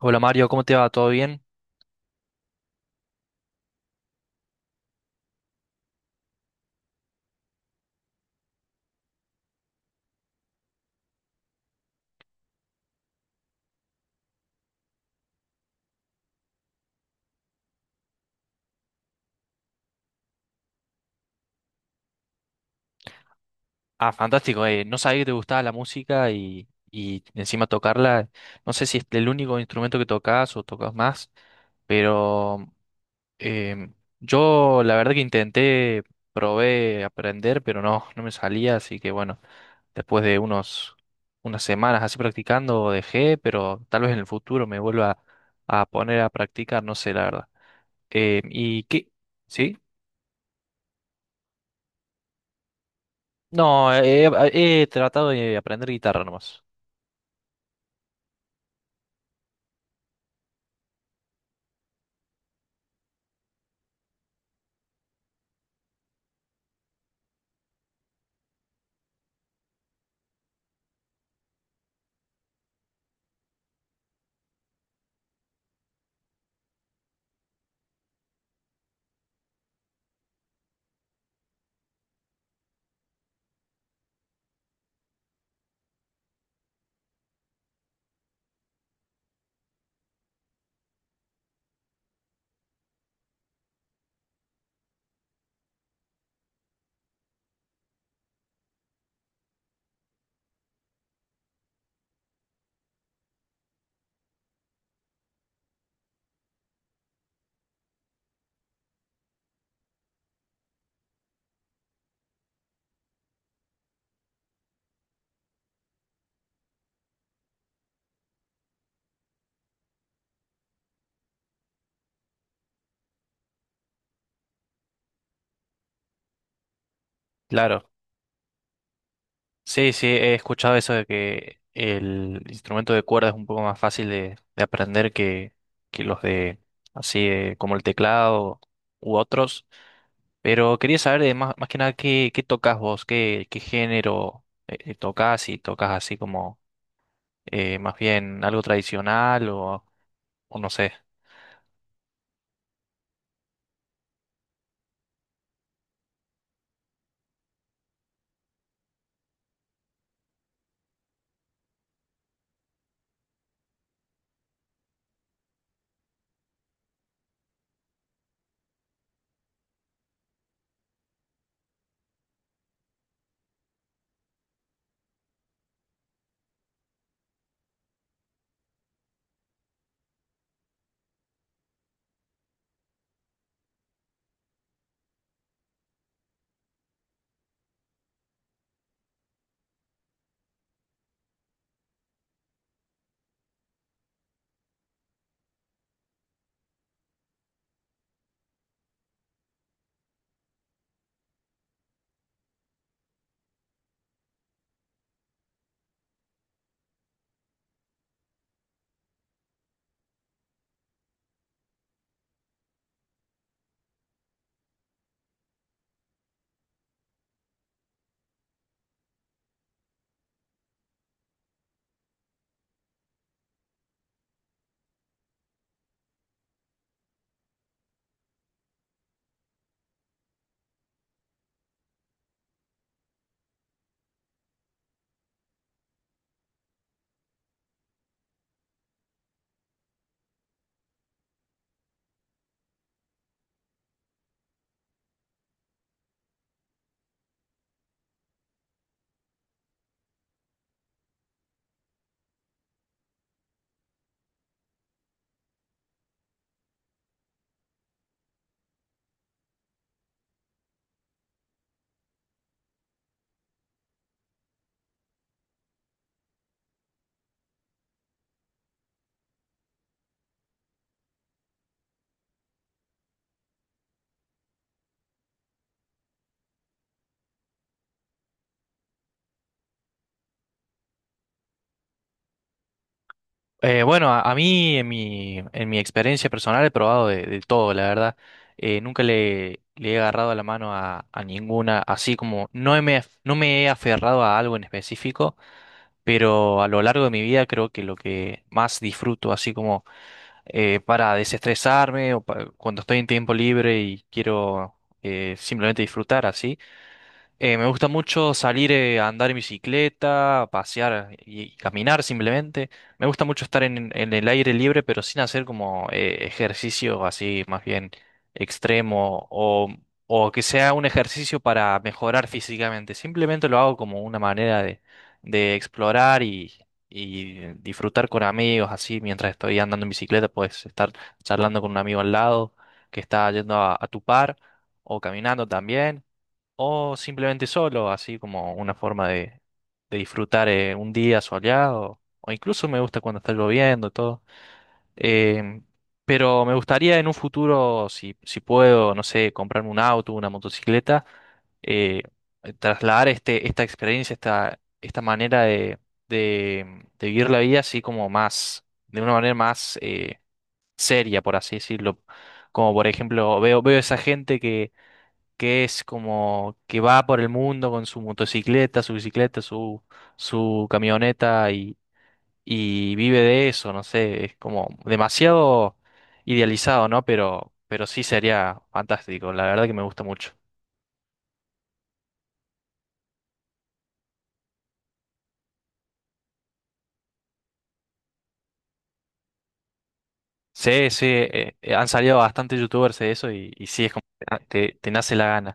Hola Mario, ¿cómo te va? ¿Todo bien? Ah, fantástico. No sabía que te gustaba la música y encima tocarla. No sé si es el único instrumento que tocas o tocas más, pero em, yo la verdad que intenté, probé aprender, pero no me salía, así que bueno, después de unos, unas semanas así practicando dejé, pero tal vez en el futuro me vuelva a poner a practicar, no sé, la verdad. ¿Y qué? ¿Sí? No, he tratado de aprender guitarra nomás. Claro. Sí, sí, he escuchado eso de que el instrumento de cuerda es un poco más fácil de aprender que los de así como el teclado u otros. Pero quería saber de más, más que nada qué tocas vos, qué género tocas, si tocas así como más bien algo tradicional o no sé. Bueno, a mí en mi experiencia personal he probado de todo, la verdad. Nunca le he agarrado la mano a ninguna, así como no me he aferrado a algo en específico, pero a lo largo de mi vida creo que lo que más disfruto, así como para desestresarme o cuando estoy en tiempo libre y quiero simplemente disfrutar así. Me gusta mucho salir a andar en bicicleta, a pasear y caminar simplemente. Me gusta mucho estar en el aire libre, pero sin hacer como ejercicio así más bien extremo o que sea un ejercicio para mejorar físicamente. Simplemente lo hago como una manera de explorar y disfrutar con amigos, así mientras estoy andando en bicicleta, puedes estar charlando con un amigo al lado que está yendo a tu par o caminando también o simplemente solo, así como una forma de disfrutar un día soleado, o incluso me gusta cuando está lloviendo, todo. Em, pero me gustaría en un futuro, si, si puedo, no sé, comprarme un auto, una motocicleta, eh, trasladar esta experiencia, esta manera de, de vivir la vida así como más, de una manera más seria, por así decirlo. Como por ejemplo, veo esa gente que es como que va por el mundo con su motocicleta, su bicicleta, su camioneta y vive de eso, no sé, es como demasiado idealizado, ¿no? Pero sí sería fantástico, la verdad que me gusta mucho. Sí, sí, han salido bastantes youtubers de eso y sí, es como que te nace la gana.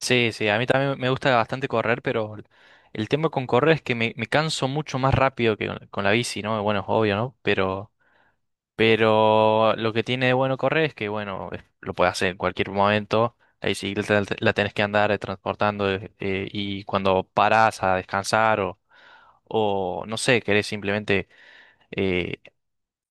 Sí, sí, a mí también me gusta bastante correr, pero el tema con correr es que me canso mucho más rápido que con la bici, ¿no? Bueno, es obvio, ¿no? Pero… Pero lo que tiene de bueno correr es que, bueno, lo puedes hacer en cualquier momento. La bicicleta la tenés que andar transportando y cuando parás a descansar o no sé, querés simplemente eh,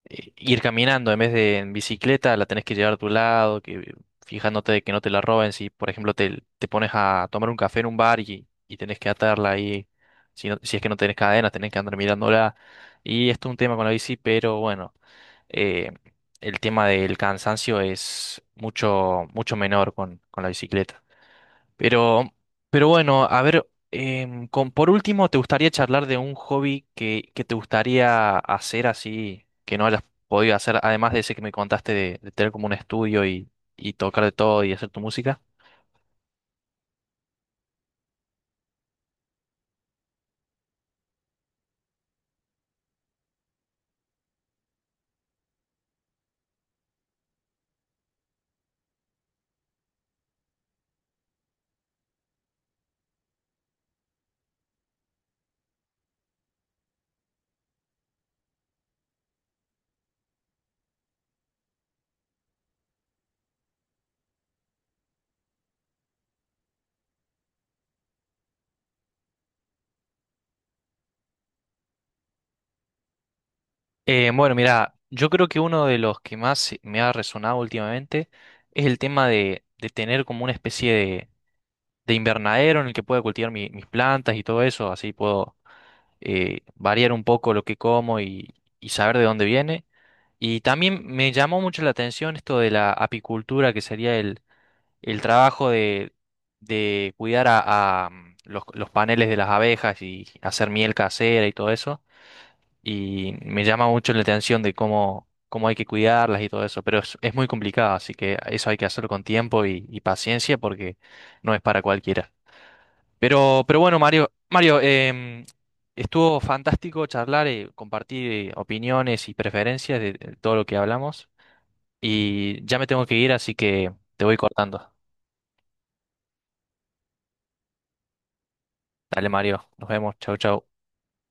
ir caminando en vez de en bicicleta, la tenés que llevar a tu lado, que fijándote de que no te la roben. Si, por ejemplo, te pones a tomar un café en un bar y tenés que atarla ahí, si, si es que no tenés cadenas, tenés que andar mirándola. Y esto es un tema con la bici, pero bueno, eh, el tema del cansancio es mucho, mucho menor con la bicicleta. Pero, pero bueno, a ver, por último, ¿te gustaría charlar de un hobby que te gustaría hacer así, que no hayas podido hacer, además de ese que me contaste de tener como un estudio y tocar de todo y hacer tu música? Bueno, mira, yo creo que uno de los que más me ha resonado últimamente es el tema de tener como una especie de invernadero en el que pueda cultivar mis plantas y todo eso, así puedo variar un poco lo que como y saber de dónde viene. Y también me llamó mucho la atención esto de la apicultura, que sería el trabajo de cuidar a, los paneles de las abejas y hacer miel casera y todo eso. Y me llama mucho la atención de cómo, cómo hay que cuidarlas y todo eso. Pero es muy complicado, así que eso hay que hacerlo con tiempo y paciencia porque no es para cualquiera. Pero bueno, Mario, estuvo fantástico charlar y compartir opiniones y preferencias de todo lo que hablamos. Y ya me tengo que ir, así que te voy cortando. Dale, Mario. Nos vemos. Chau, chau.